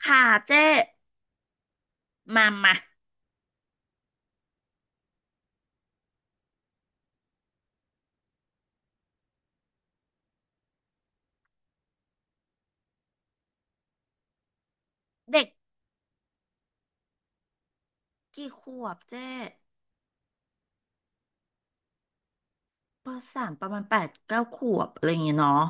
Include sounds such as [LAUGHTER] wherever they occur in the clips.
ค่ะเจ๊มามาเด็กกี่ขวบเจ๊ปสามประมาณแปดเก้าขวบอะไรอย่างเงี้ยเนาะ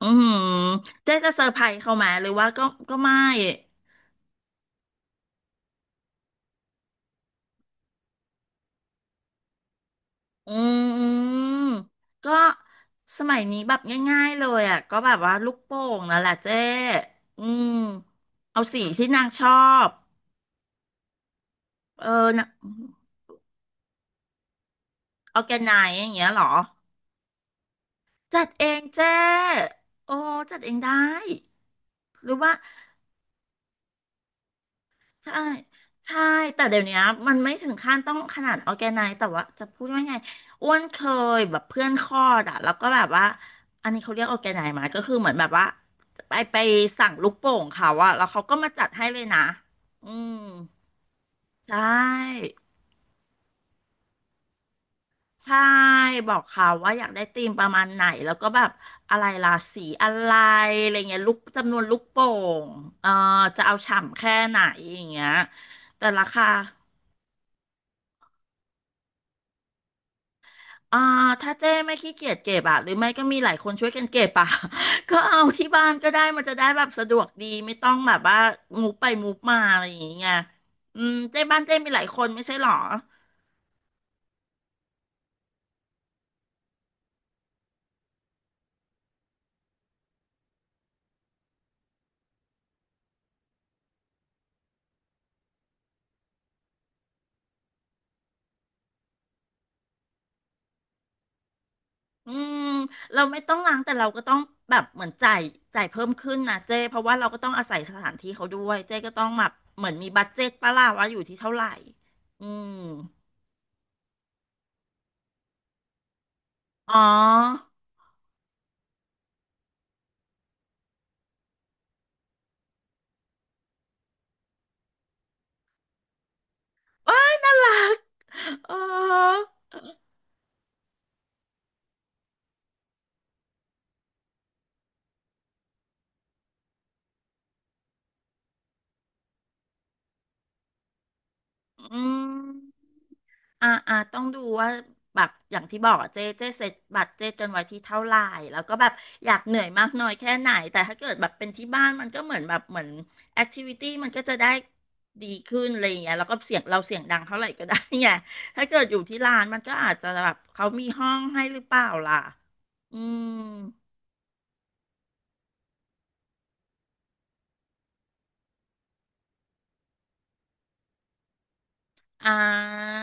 อืมเจ๊จะเซอร์ไพรส์เขาไหมหรือว่าก็ก็ไม่อืมก็สมัยนี้แบบง่ายๆเลยอ่ะก็แบบว่าลูกโป่งนั่นแหละเจ๊อืมเอาสีที่นางชอบเออนะออร์แกไนซ์อย่างเงี้ยเหรอจัดเองเจ๊โอ้จัดเองได้หรือว่า ใช่ใช่แต่เดี๋ยวเนี้ยมันไม่ถึงขั้นต้องขนาดออร์แกไนซ์แต่ว่าจะพูดว่าไงอ้วนเคยแบบเพื่อนคลอดอะแล้วก็แบบว่าอันนี้เขาเรียกออร์แกไนซ์ไหมก็คือเหมือนแบบว่าไปสั่งลูกโป่งเขาอะแล้วเขาก็มาจัดให้เลยนะอืมใช่ใช่บอกเขาว่าอยากได้ธีมประมาณไหนแล้วก็แบบอะไรราศีอะไรอะไรเงี้ยลูกจำนวนลูกโป่งเอ่อจะเอาฉ่ำแค่ไหนอย่างเงี้ยแต่ราคา อ่าถ้าเจ้ไม่ขี้เกียจเก็บอะหรือไม่ก็มีหลายคนช่วยกันเก็บอะ [LAUGHS] ก็เอาที่บ้านก็ได้มันจะได้แบบสะดวกดีไม่ต้องแบบว่ามูฟไปมูฟมาอะไรอย่างเงี้ยอืมเจ้บ้านเจ้มีหลายคนไม่ใช่หรออืมเราไม่ต้องล้างแต่เราก็ต้องแบบเหมือนจ่ายเพิ่มขึ้นนะเจ้เพราะว่าเราก็ต้องอาศัยสถานที่เขาด้วยเจ้ก็ต้องแบบเหมือนมีบัดเจ็ตปะล่ะว่าอยู่ที่เท่าไหร่อืมอ๋อว้ายน่ารักอ๋ออืม อ่าอ่าต้องดูว่าแบบอย่างที่บอกอะเจ๊เจ๊เสร็จบัตรเจ๊จนไว้ที่เท่าไหร่แล้วก็แบบอยากเหนื่อยมากน้อยแค่ไหนแต่ถ้าเกิดแบบเป็นที่บ้านมันก็เหมือนแบบเหมือนแอคทิวิตี้มันก็จะได้ดีขึ้นอะไรอย่างเงี้ยแล้วก็เสียงเราเสียงดังเท่าไหร่ก็ได้ไงถ้าเกิดอยู่ที่ร้านมันก็อาจจะแบบเขามีห้องให้หรือเปล่าล่ะอืมอ่า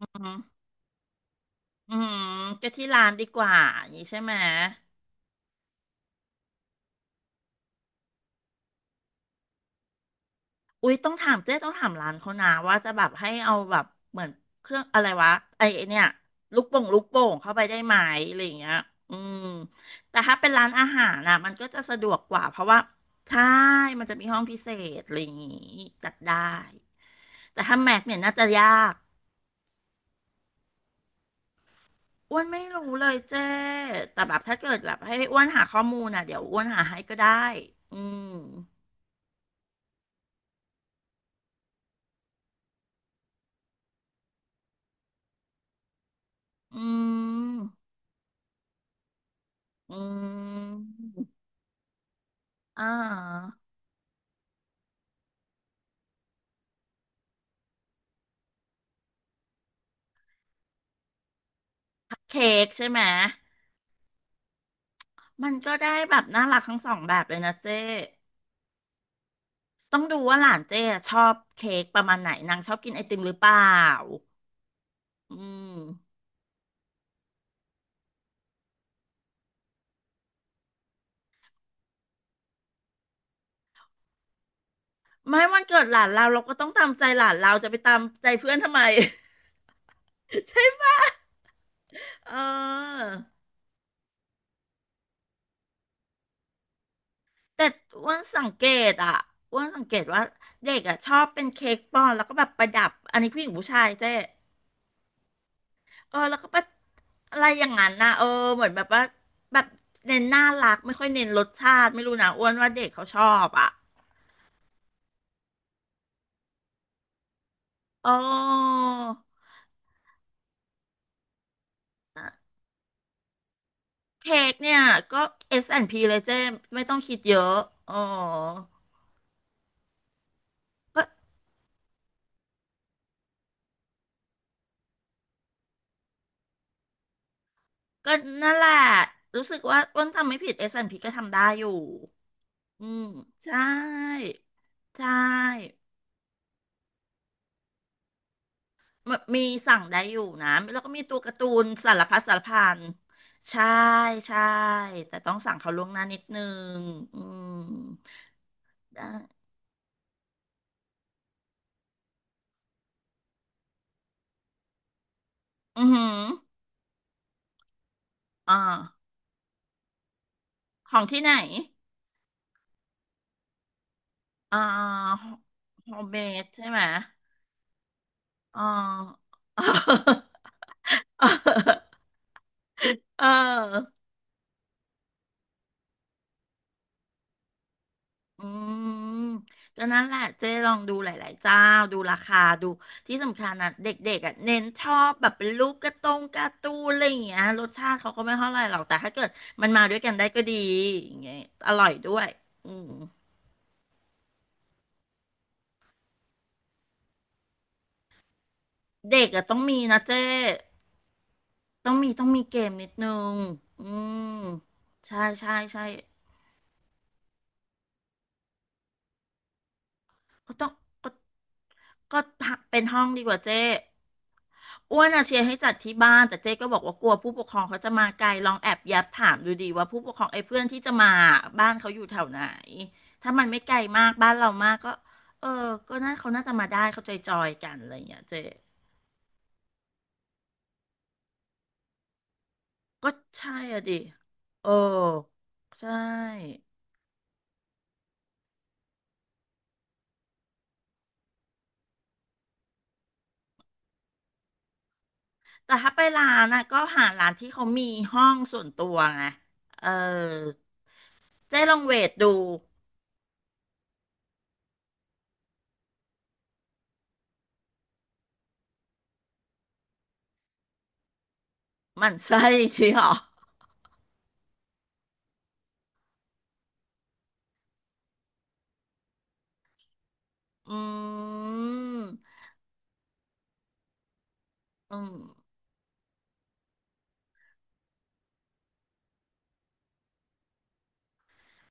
อืมอืมก็ที่ร้านดีกว่าอย่างนี้ใช่ไหม อุ๊ยต้องถามเจ๊ต้องถามร้านเขานะว่าจะแบบให้เอาแบบเหมือนเครื่องอะไรวะไอไอ้เนี่ยลูกโป่งเข้าไปได้ไหมอะไรอย่างเงี้ยอืมแต่ถ้าเป็นร้านอาหารน่ะมันก็จะสะดวกกว่าเพราะว่าใช่มันจะมีห้องพิเศษอะไรอย่างงี้จัดได้แต่ถ้าแม็กเนี่ยน่าจะยากอ้วนไม่รู้เลยเจ๊แต่แบบถ้าเกิดแบบให้อ้วนหาข้อมูลน่ะเดี๋ยวอ้วนหาให้ก็ได้อืมอืมอืมอ่า เค้กใช่ไหมมันก็ได้แบบน่ารักทั้งสองแบบเลยนะเจ้ต้องดูว่าหลานเจ้อะชอบเค้กประมาณไหนนางชอบกินไอติมหรือเปล่าอืมไม่วันเกิดหลานเราเราก็ต้องตามใจหลานเราจะไปตามใจเพื่อนทำไม [LAUGHS] เออแต่อ้วนสังเกตอ่ะอ้วนสังเกตว่าเด็กอ่ะชอบเป็นเค้กปอนแล้วก็แบบประดับอันนี้ผู้หญิงผู้ชายเจ้ เออแล้วก็แบบอะไรอย่างนั้นนะเออเหมือนแบบว่าแบบเน้นน่ารักไม่ค่อยเน้นรสชาติไม่รู้นะอ้วนว่าเด็กเขาชอบอ่ะเออเค้กเนี่ยก็ S&P เลยเจ้ไม่ต้องคิดเยอะเออก็ก็นั่นแหละรู้สึกว่าอ้วนจำไม่ผิด S&P ก็ทำได้อยู่อืมใช่ใช่ มมีสั่งได้อยู่นะแล้วก็มีตัวการ์ตูนสารพัดสารพันใช่ใช่แต่ต้องสั่งเขาล่วงหน้านิดนึงอืมได้อือหืออ่าของที่ไหนอ่าโฮมเมดใช่ไหมอ่า [LAUGHS] เออ อืมก็นั่นแหละเจ๊ลองดูหลายๆเจ้าดูราคาดูที่สำคัญนะเด็กๆอ่ะเน้นชอบแบบเป็นรูปการ์ตงการ์ตูนอะไรอย่างเงี้ยรสชาติเขาก็ไม่เท่าไหร่หรอกแต่ถ้าเกิดมันมาด้วยกันได้ก็ดีอย่างเงี้ยอร่อยด้วยอืมเด็กอ่ะต้องมีนะเจ๊ต้องมีเกมนิดนึงอืมใช่ใช่ใช่ ก็ต้องก็ก็เป็นห้องดีกว่าเจ๊อ้วนอะเชียร์ให้จัดที่บ้านแต่เจ๊ก็บอกว่ากลัวผู้ปกครองเขาจะมาไกลลองแอบแยับถามดูดีว่าผู้ปกครองไอ้เพื่อนที่จะมาบ้านเขาอยู่แถวไหนถ้ามันไม่ไกลมากบ้านเรามากก็เออก็น่าเขาน่าจะมาได้เขาจอยๆกันอะไรอย่างเงี้ยเจ๊ก็ใช่อะดิเออใช่แต่ถ้าไปร้านนะก็หาร้านที่เขามีห้องส่วนตัวไงเออเจ๊ลองเวทดู หมั่นไส้อีกเหรออืมอืม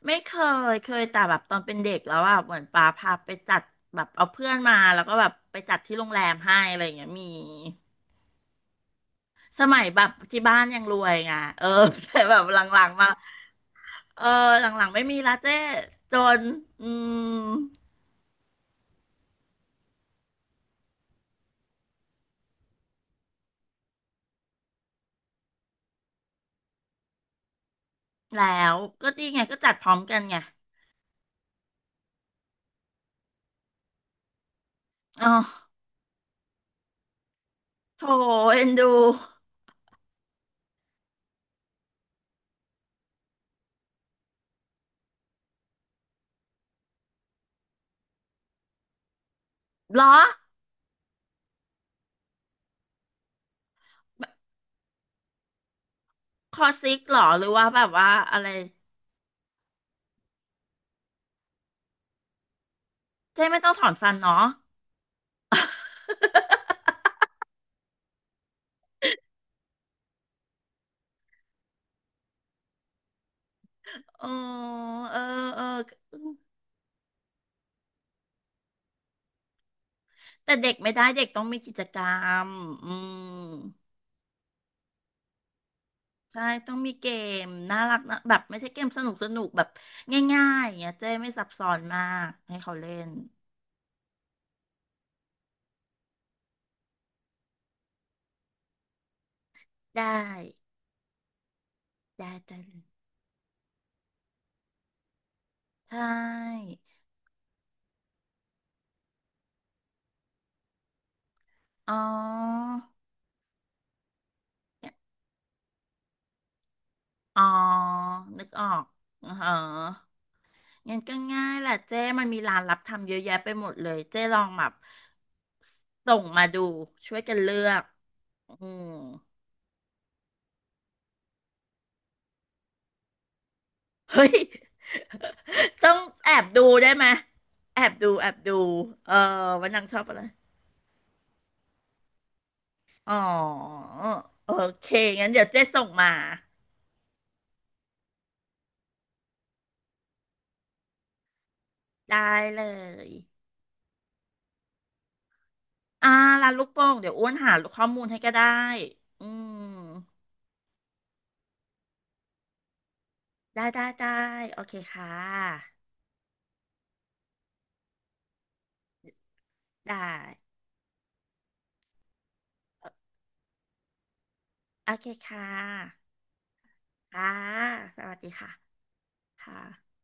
ไม่เคย เคยแต่แบบตอนเป็นเด็กแล้วอ่ะเหมือนป้าพาไปจัดแบบเอาเพื่อนมาแล้วก็แบบไปจัดที่โรงแรมให้อะไรอย่างเงี้ยมีสมัยแบบที่บ้านยังรวยไงเออ [LAUGHS] แต่แบบหลังๆมาเออหลังๆไม่มีละเจ้จนอืมแล้วก็ดีไงก็จัดพร้อมกันไงอ๋อโถเอ็นดูเหรอคอซิกเหรอหรือว่าแบบว่าอะไรเจ๊ไม่ต้องถอนฟันเนาะ อ๋อเออเออแต่เด็กไม่ได้เด็กต้องมีกิจกรรมอืมใช่ต้องมีเกมน่ารักนะแบบไม่ใช่เกมสนุกสนุกแบบง่ายๆอย่างเงี้ยเจ๊ไม่ซับซ้อนมากให้เขาเล่นได้ได้ได้เลยใช่อ๋ออ๋อนึกออกอ๋องั้นก็ง่ายแหละเจ๊มันมีร้านรับทำเยอะแยะไปหมดเลยเจ๊ลองแบบสส่งมาดูช่วยกันเลือกอืม เฮ้ย ต้องแอบดูได้ไหมแอบดูเออวันนังชอบอะไร อ๋อโอเคงั้นเดี๋ยวเจ๊ส่งมา ได้เลยอ่าร้านลูกโป่งเดี๋ยวอ้วนหาข้อมูลให้ก็ได้อืมได้ได้ โอเคค่ะได้โอเคค่ะค่ะสวัสดีค่ะค่ะ